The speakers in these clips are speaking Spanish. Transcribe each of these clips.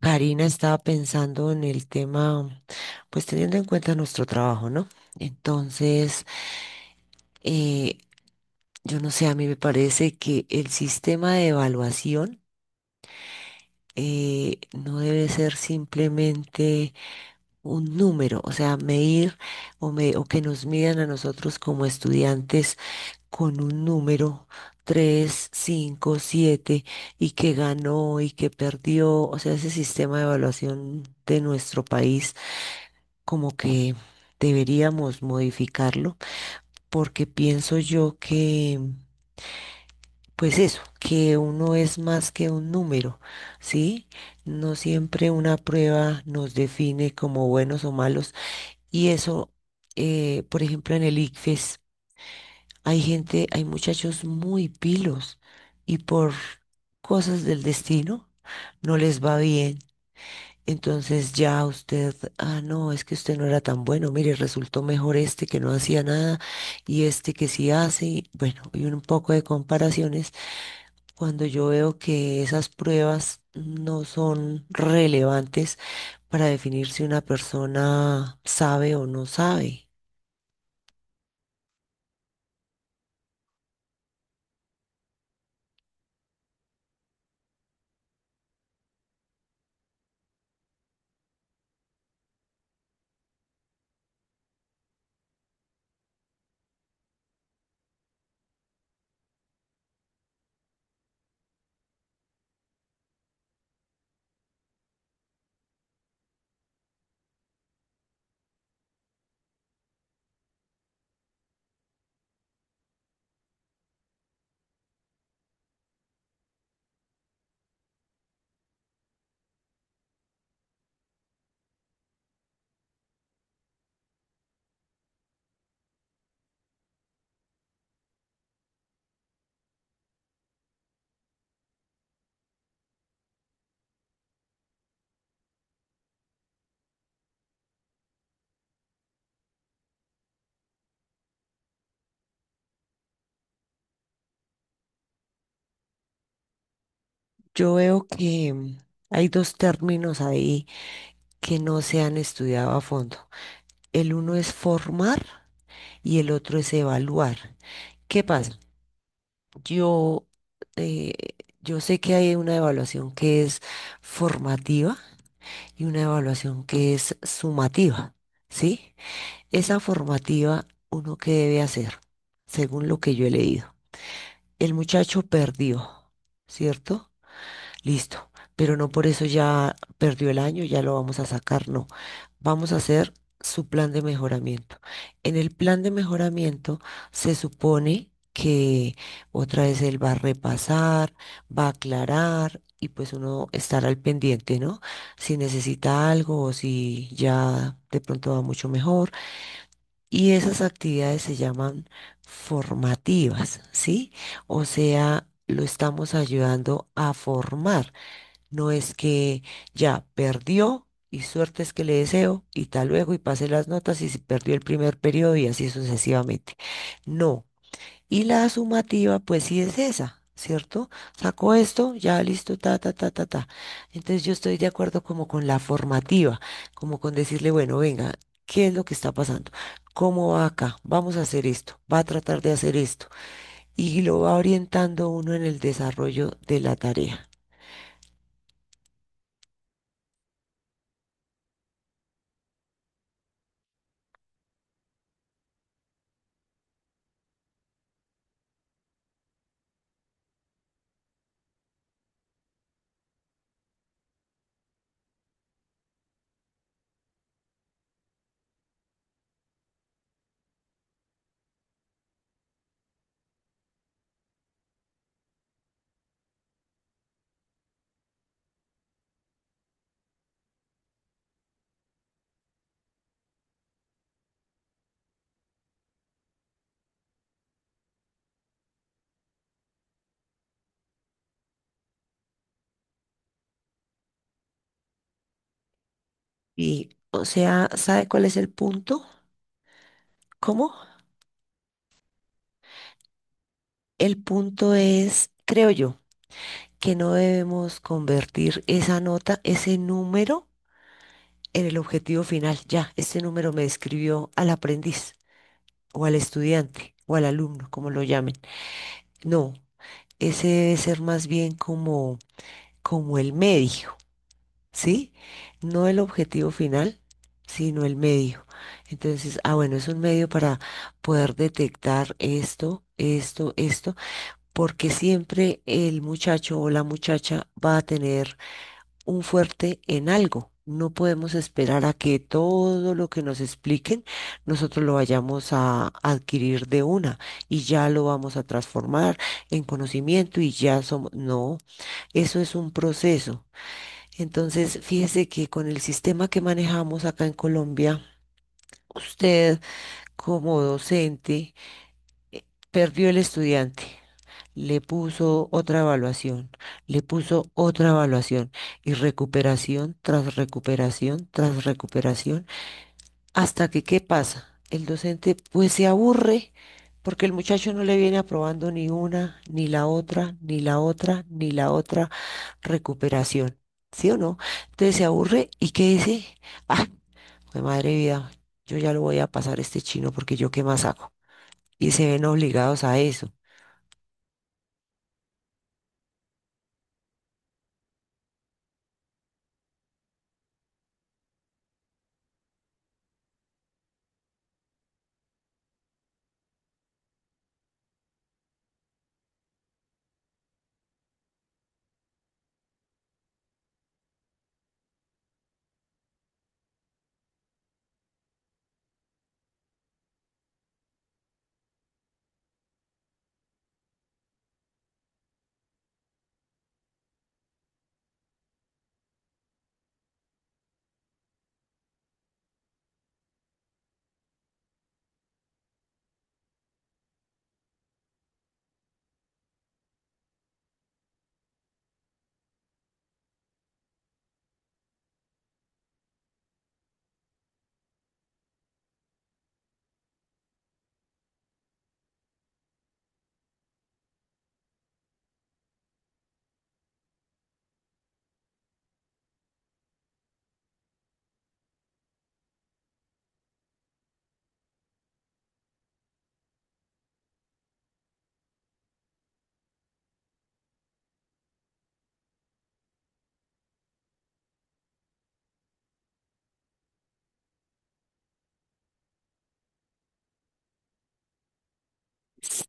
Karina estaba pensando en el tema, pues teniendo en cuenta nuestro trabajo, ¿no? Entonces, eh, yo no sé, a mí me parece que el sistema de evaluación no debe ser simplemente un número, o sea, medir o, o que nos midan a nosotros como estudiantes con un número. Tres, 5, 7 y que ganó y que perdió, o sea, ese sistema de evaluación de nuestro país como que deberíamos modificarlo, porque pienso yo que, pues eso, que uno es más que un número, ¿sí? No siempre una prueba nos define como buenos o malos, y eso, por ejemplo, en el ICFES hay gente, hay muchachos muy pilos, y por cosas del destino no les va bien. Entonces ya usted, ah, no, es que usted no era tan bueno, mire, resultó mejor este que no hacía nada y este que sí hace, bueno, y un poco de comparaciones. Cuando yo veo que esas pruebas no son relevantes para definir si una persona sabe o no sabe, yo veo que hay dos términos ahí que no se han estudiado a fondo. El uno es formar y el otro es evaluar. ¿Qué pasa? Yo, eh, yo sé que hay una evaluación que es formativa y una evaluación que es sumativa, ¿sí? Esa formativa, uno que debe hacer, según lo que yo he leído. El muchacho perdió, ¿cierto? Listo, pero no por eso ya perdió el año, ya lo vamos a sacar, no. Vamos a hacer su plan de mejoramiento. En el plan de mejoramiento se supone que otra vez él va a repasar, va a aclarar y pues uno estará al pendiente, ¿no? Si necesita algo o si ya de pronto va mucho mejor. Y esas actividades se llaman formativas, ¿sí? O sea, lo estamos ayudando a formar. No es que ya perdió y suerte es que le deseo y tal luego y pase las notas y si perdió el primer periodo y así sucesivamente. No. Y la sumativa, pues sí es esa, ¿cierto? Sacó esto, ya listo, ta, ta, ta, ta, ta. Entonces yo estoy de acuerdo como con la formativa, como con decirle, bueno, venga, ¿qué es lo que está pasando? ¿Cómo va acá? Vamos a hacer esto, va a tratar de hacer esto. Y lo va orientando uno en el desarrollo de la tarea. Y, o sea, ¿sabe cuál es el punto? ¿Cómo? El punto es, creo yo, que no debemos convertir esa nota, ese número, en el objetivo final. Ya, este número me describió al aprendiz, o al estudiante, o al alumno, como lo llamen. No, ese debe ser más bien como, como el medio. ¿Sí? No el objetivo final, sino el medio. Entonces, ah, bueno, es un medio para poder detectar esto, esto, esto, porque siempre el muchacho o la muchacha va a tener un fuerte en algo. No podemos esperar a que todo lo que nos expliquen nosotros lo vayamos a adquirir de una y ya lo vamos a transformar en conocimiento y ya somos... No, eso es un proceso. Entonces, fíjese que con el sistema que manejamos acá en Colombia, usted como docente eh, perdió el estudiante, le puso otra evaluación, le puso otra evaluación y recuperación tras recuperación tras recuperación. Hasta que, ¿qué pasa? El docente pues se aburre porque el muchacho no le viene aprobando ni una, ni la otra, ni la otra, ni la otra recuperación. ¿Sí o no? Entonces se aburre y ¿qué dice? Ah, jue madre vida, yo ya lo voy a pasar a este chino porque yo qué más hago. Y se ven obligados a eso.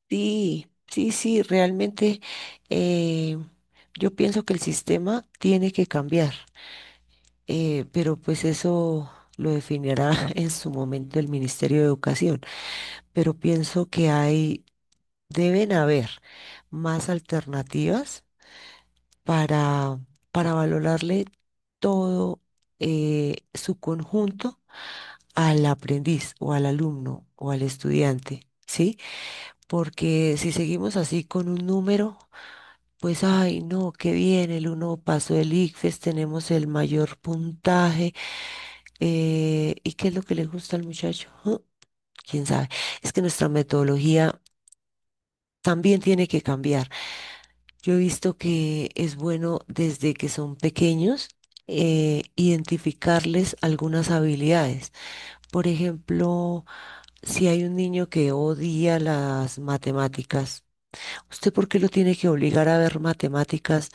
Sí, sí, sí, realmente eh, yo pienso que el sistema tiene que cambiar. Pero pues eso lo definirá en su momento el Ministerio de Educación. Pero pienso que hay, deben haber más alternativas para, para valorarle todo su conjunto al aprendiz o al alumno o al estudiante, ¿sí? Porque si seguimos así con un número, pues, ay, no, qué bien, el uno pasó el ICFES, tenemos el mayor puntaje. ¿Y qué es lo que le gusta al muchacho? Ujú, ¿quién sabe? Es que nuestra metodología también tiene que cambiar. Yo he visto que es bueno desde que son pequeños identificarles algunas habilidades. Por ejemplo, si hay un niño que odia las matemáticas, ¿usted por qué lo tiene que obligar a ver matemáticas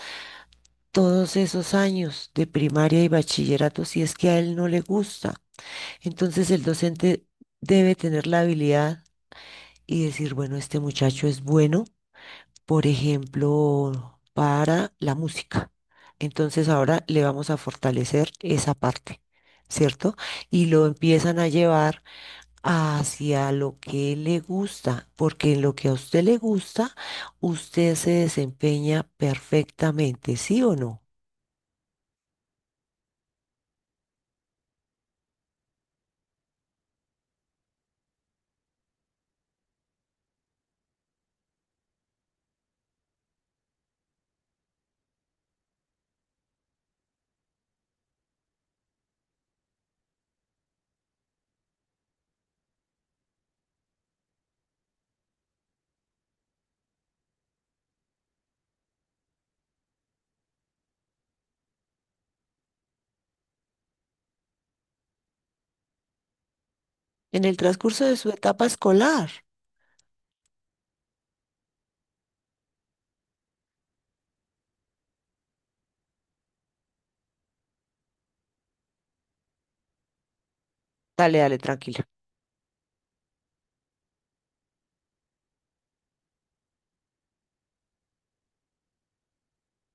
todos esos años de primaria y bachillerato si es que a él no le gusta? Entonces el docente debe tener la habilidad y decir, bueno, este muchacho es bueno, por ejemplo, para la música. Entonces ahora le vamos a fortalecer esa parte, ¿cierto? Y lo empiezan a llevar hacia lo que le gusta, porque en lo que a usted le gusta, usted se desempeña perfectamente, ¿sí o no? En el transcurso de su etapa escolar. Dale, dale, tranquila.